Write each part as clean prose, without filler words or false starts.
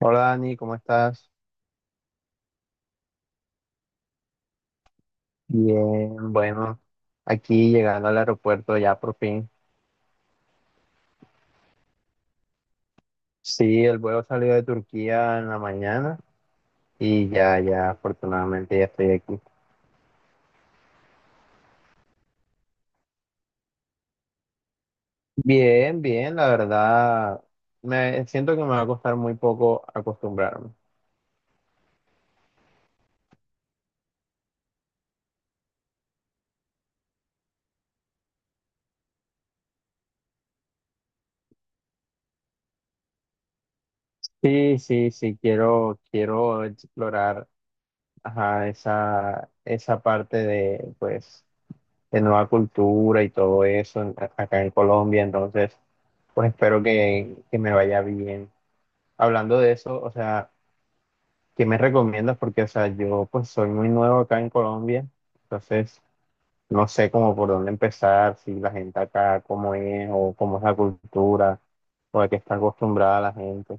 Hola Dani, ¿cómo estás? Bien, bueno, aquí llegando al aeropuerto ya por fin. Sí, el vuelo salió de Turquía en la mañana y ya, afortunadamente ya estoy aquí. Bien, bien, la verdad, me siento que me va a costar muy poco acostumbrarme. Sí, sí, sí, quiero explorar, ajá, esa parte de, pues, de nueva cultura y todo eso acá en Colombia. Entonces, pues espero que me vaya bien. Hablando de eso, o sea, ¿qué me recomiendas? Porque, o sea, yo pues soy muy nuevo acá en Colombia, entonces no sé cómo por dónde empezar, si la gente acá cómo es o cómo es la cultura o a qué está acostumbrada la gente.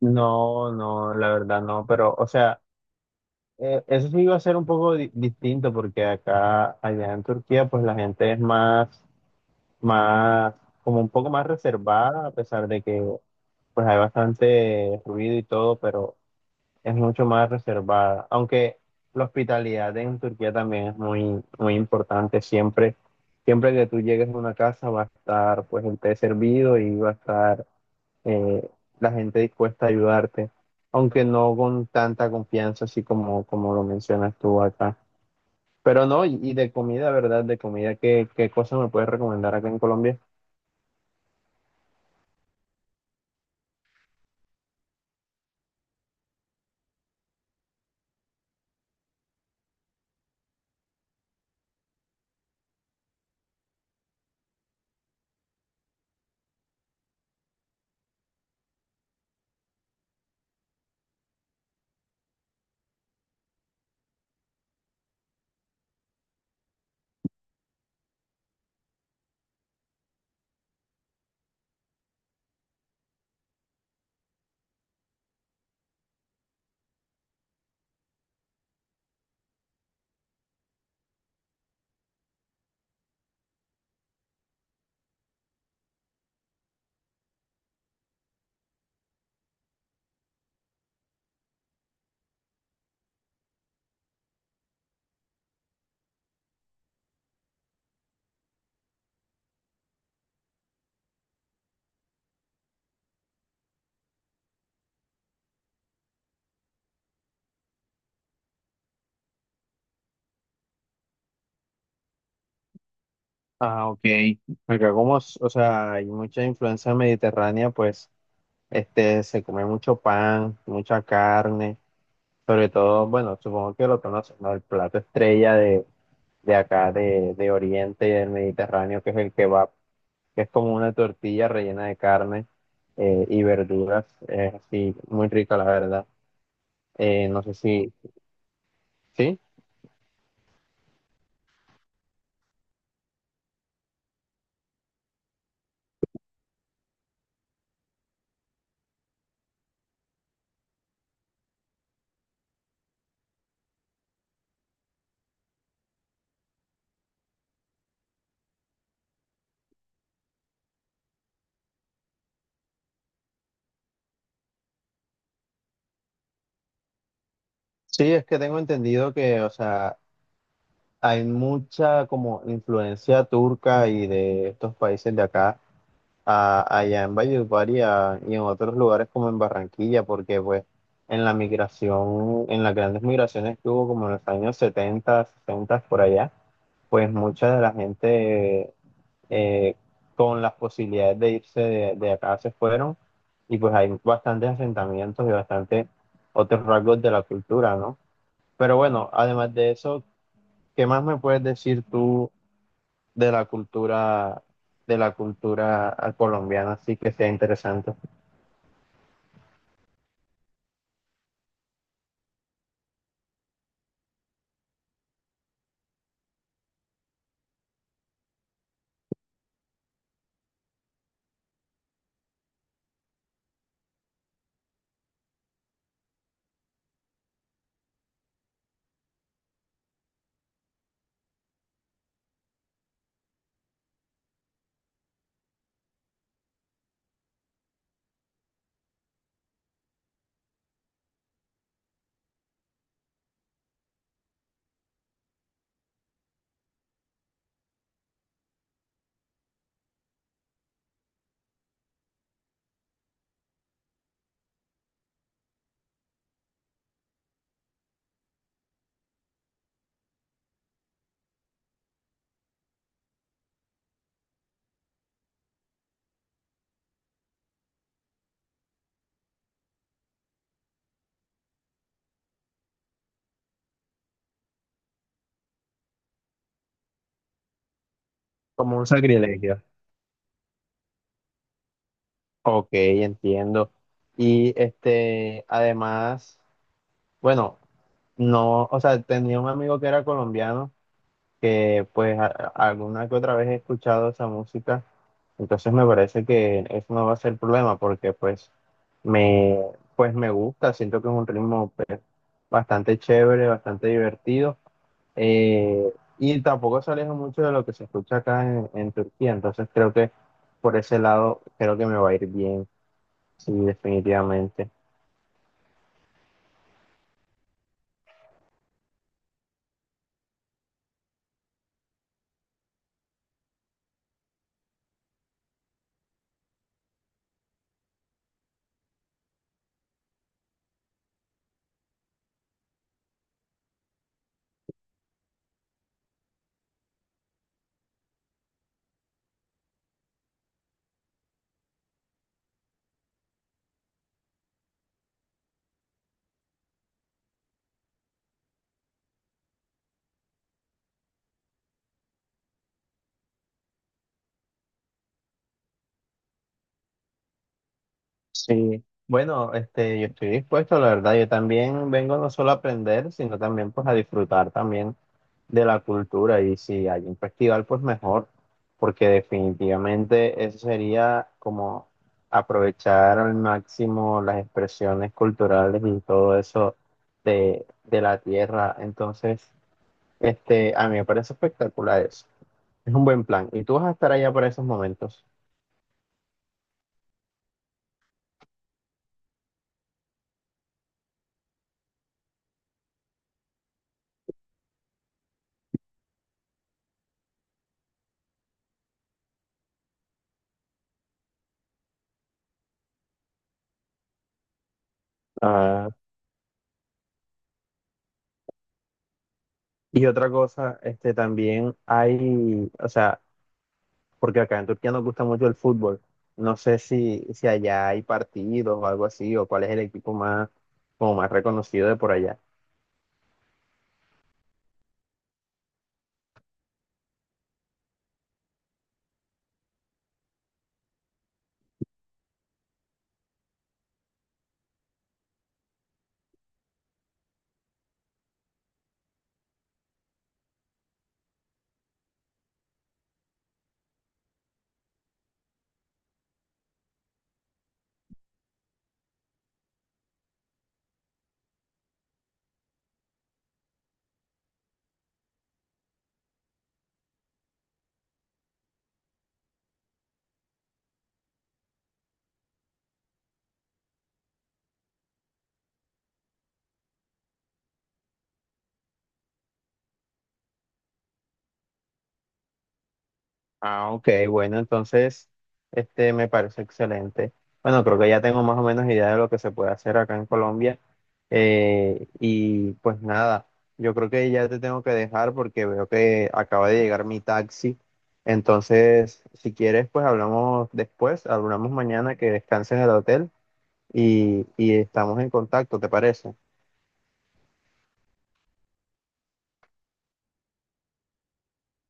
No, no, la verdad no, pero, o sea, eso sí iba a ser un poco distinto porque acá, allá en Turquía, pues la gente es más, como un poco más reservada, a pesar de que pues hay bastante ruido y todo, pero es mucho más reservada. Aunque la hospitalidad en Turquía también es muy, muy importante. Siempre, siempre que tú llegues a una casa va a estar pues el té servido y va a estar eh, la gente dispuesta a ayudarte, aunque no con tanta confianza así como lo mencionas tú acá. Pero no, y de comida, ¿verdad? De comida, ¿qué cosa me puedes recomendar acá en Colombia? Ah, ok. Acá como, o sea, hay mucha influencia mediterránea, pues, este, se come mucho pan, mucha carne, sobre todo, bueno, supongo que lo conoces, ¿no? El plato estrella de acá, de Oriente y del Mediterráneo, que es el kebab, que es como una tortilla rellena de carne y verduras, es así, muy rica, la verdad. No sé si, ¿sí? Sí, es que tengo entendido que, o sea, hay mucha como influencia turca y de estos países de acá allá en Valledupar y, y en otros lugares como en Barranquilla, porque pues en la migración, en las grandes migraciones que hubo como en los años 70 60 por allá, pues mucha de la gente eh, con las posibilidades de irse de acá se fueron y pues hay bastantes asentamientos y bastante otros rasgos de la cultura, ¿no? Pero bueno, además de eso, ¿qué más me puedes decir tú de la cultura de la cultura colombiana, así que sea interesante. Como un sacrilegio. Ok, entiendo. Y este, además, bueno, no, o sea, tenía un amigo que era colombiano, que pues alguna que otra vez he escuchado esa música, entonces me parece que eso no va a ser problema porque pues me, pues me gusta, siento que es un ritmo pues, bastante chévere, bastante divertido. Eh, y tampoco se aleja mucho de lo que se escucha acá en Turquía, entonces creo que por ese lado creo que me va a ir bien, sí, definitivamente. Sí, bueno, este, yo estoy dispuesto, la verdad, yo también vengo no solo a aprender, sino también pues a disfrutar también de la cultura y si hay un festival, pues mejor, porque definitivamente eso sería como aprovechar al máximo las expresiones culturales y todo eso de la tierra. Entonces, este, a mí me parece espectacular eso. Es un buen plan. Y tú vas a estar allá para esos momentos. Ah, y otra cosa, este, también hay, o sea, porque acá en Turquía nos gusta mucho el fútbol. No sé si, si allá hay partidos o algo así, o cuál es el equipo más, como más reconocido de por allá. Ah, ok, bueno, entonces, este me parece excelente. Bueno, creo que ya tengo más o menos idea de lo que se puede hacer acá en Colombia. Y pues nada, yo creo que ya te tengo que dejar porque veo que acaba de llegar mi taxi. Entonces, si quieres, pues hablamos después, hablamos mañana que descanses en el hotel y estamos en contacto, ¿te parece?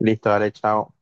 Listo, dale, chao.